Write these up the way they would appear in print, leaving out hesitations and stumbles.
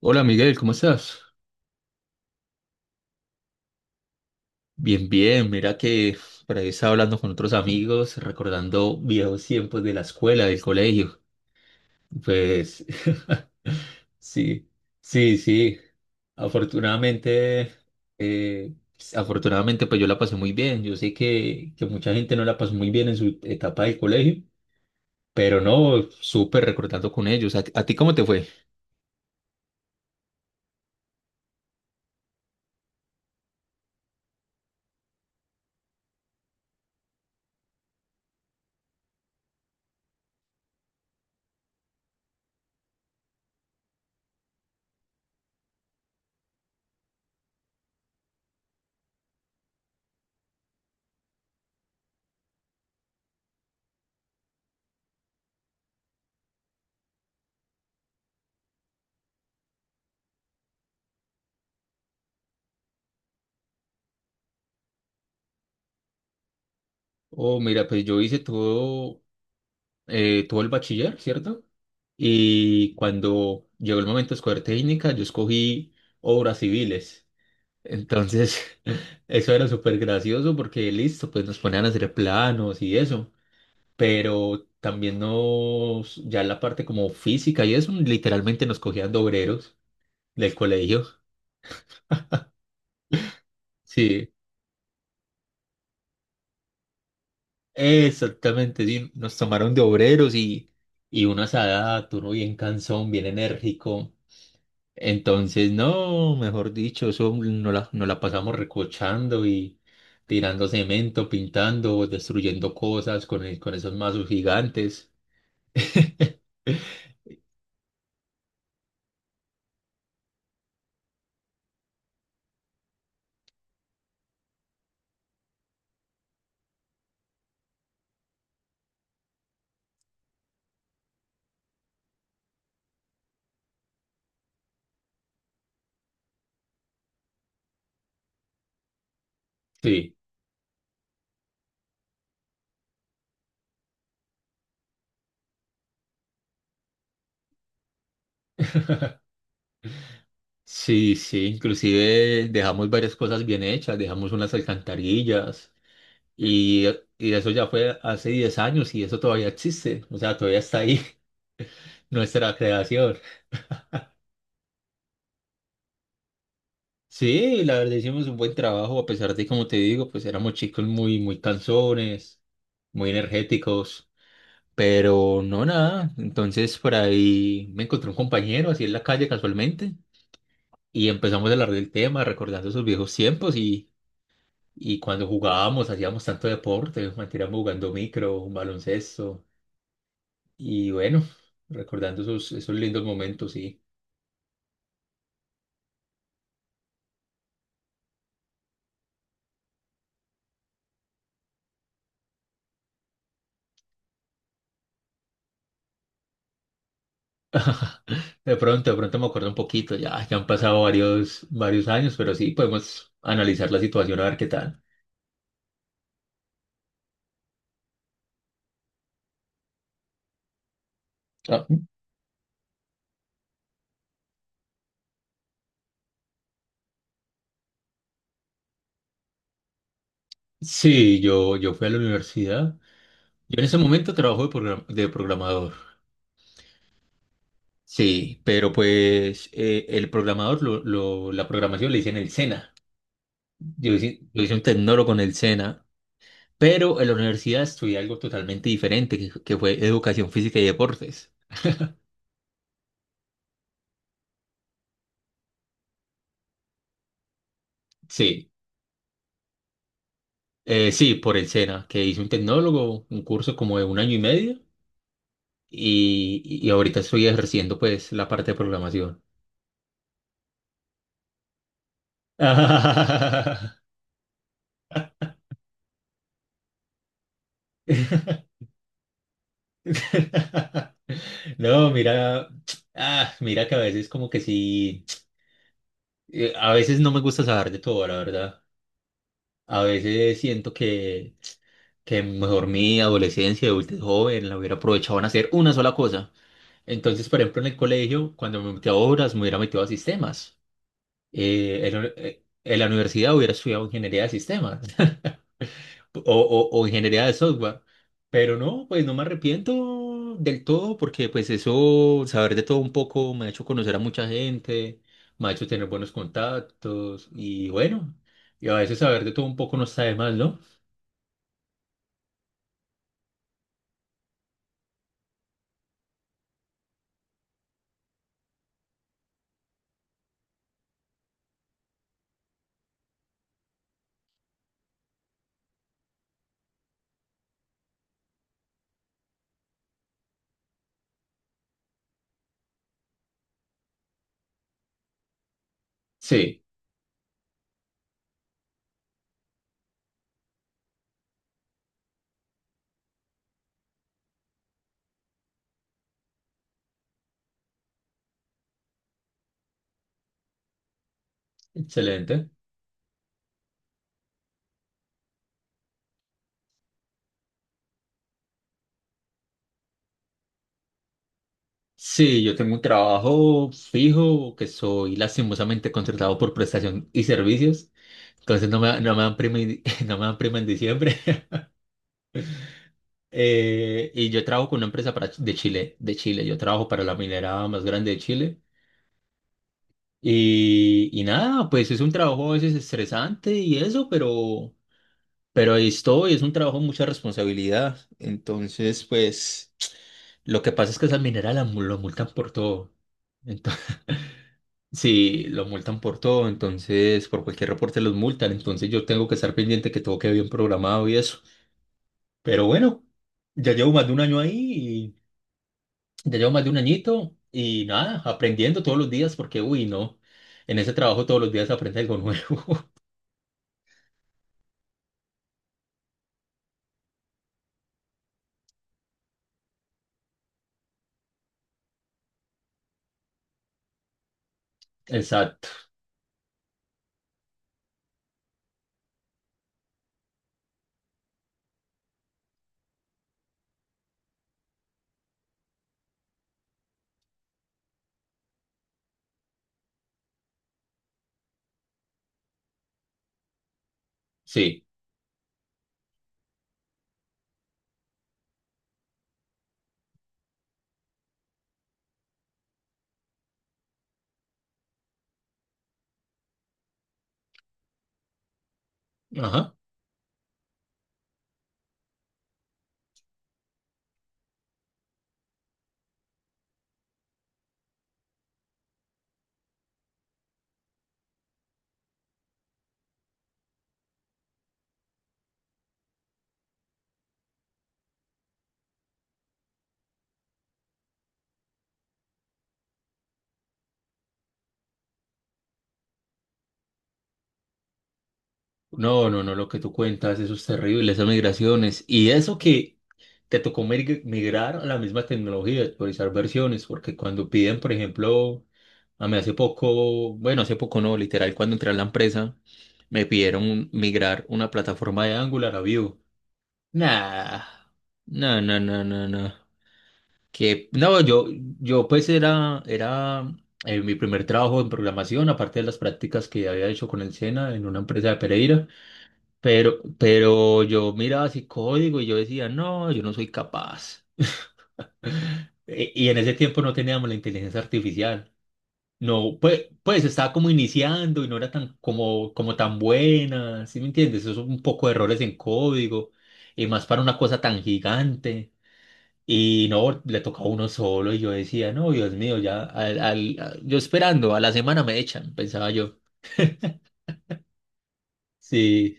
Hola Miguel, ¿cómo estás? Bien, bien, mira que por ahí estaba hablando con otros amigos, recordando viejos tiempos de la escuela, del colegio. Pues sí, sí, sí. Afortunadamente, afortunadamente pues yo la pasé muy bien. Yo sé que mucha gente no la pasó muy bien en su etapa del colegio, pero no, súper recordando con ellos. ¿A ti cómo te fue? Oh, mira, pues yo hice todo tuvo el bachiller, ¿cierto? Y cuando llegó el momento de escoger técnica, yo escogí obras civiles. Entonces, eso era súper gracioso porque listo, pues nos ponían a hacer planos y eso, pero también nos, ya la parte como física y eso, literalmente nos cogían de obreros del colegio. Sí, exactamente, sí, nos tomaron de obreros y una asada, uno bien cansón, bien enérgico. Entonces, no, mejor dicho, eso nos la pasamos recochando y tirando cemento, pintando, destruyendo cosas con, con esos mazos gigantes. Sí, sí, sí, inclusive dejamos varias cosas bien hechas, dejamos unas alcantarillas y, y eso ya fue hace 10 años y eso todavía existe, o sea, todavía está ahí nuestra creación. Sí, la verdad hicimos un buen trabajo, a pesar de, como te digo, pues éramos chicos muy, muy cansones, muy energéticos, pero no nada. Entonces por ahí me encontré un compañero así en la calle casualmente y empezamos a hablar del tema, recordando esos viejos tiempos y cuando jugábamos, hacíamos tanto deporte, manteníamos jugando micro, baloncesto y bueno, recordando esos, esos lindos momentos, sí. De pronto me acuerdo un poquito, ya, ya han pasado varios, varios años, pero sí podemos analizar la situación a ver qué tal. Ah, sí, yo fui a la universidad. Yo en ese momento trabajo de programador. Sí, pero pues el programador, la programación la hice en el SENA. Yo hice un tecnólogo en el SENA, pero en la universidad estudié algo totalmente diferente, que fue educación física y deportes. Sí, sí, por el SENA, que hice un tecnólogo, un curso como de 1 año y medio. Y, y ahorita estoy ejerciendo pues la parte de programación. No, mira, ah, mira que a veces como que sí, a veces no me gusta saber de todo, la verdad. A veces siento que mejor mi adolescencia, de adultez joven, la hubiera aprovechado en hacer una sola cosa. Entonces, por ejemplo, en el colegio, cuando me metí a obras, me hubiera metido a sistemas. En la universidad hubiera estudiado ingeniería de sistemas. o, o ingeniería de software. Pero no, pues no me arrepiento del todo porque pues eso, saber de todo un poco me ha hecho conocer a mucha gente, me ha hecho tener buenos contactos y bueno, y a veces saber de todo un poco no está de más, ¿no? Sí, excelente. Sí, yo tengo un trabajo fijo que soy lastimosamente contratado por prestación y servicios, entonces no me dan prima, no me dan prima en diciembre. Y yo trabajo con una empresa para, de Chile. Yo trabajo para la minera más grande de Chile. Y nada, pues es un trabajo a veces estresante y eso, pero ahí estoy, es un trabajo de mucha responsabilidad. Entonces, pues lo que pasa es que esa minera lo multan por todo. Entonces, sí, lo multan por todo. Entonces, por cualquier reporte los multan. Entonces, yo tengo que estar pendiente que todo quede bien programado y eso. Pero bueno, ya llevo más de 1 año ahí. Ya llevo más de un añito y nada, aprendiendo todos los días porque, uy, no, en ese trabajo todos los días aprende algo nuevo. Exacto, sí, ajá. No, no, no, lo que tú cuentas, eso es terrible, esas migraciones. Y eso que te tocó migrar a la misma tecnología, actualizar versiones, porque cuando piden, por ejemplo, a mí hace poco, bueno, hace poco no, literal, cuando entré a la empresa, me pidieron migrar una plataforma de Angular a Vue. Nah, nah, nah, nah, nah, nah. Que no, yo pues era mi primer trabajo en programación, aparte de las prácticas que había hecho con el SENA en una empresa de Pereira, pero yo miraba así código y yo decía, no, yo no soy capaz. Y en ese tiempo no teníamos la inteligencia artificial. No, pues, pues estaba como iniciando y no era tan como tan buena, ¿sí me entiendes? Eso es un poco de errores en código y más para una cosa tan gigante. Y no, le tocó a uno solo y yo decía, no, Dios mío, ya, yo esperando, a la semana me echan, pensaba yo. Sí,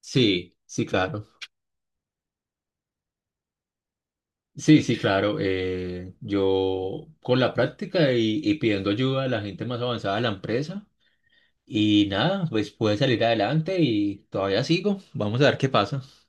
sí, sí, claro. Sí, sí, claro. Yo con la práctica y pidiendo ayuda a la gente más avanzada de la empresa y nada, pues pude salir adelante y todavía sigo. Vamos a ver qué pasa.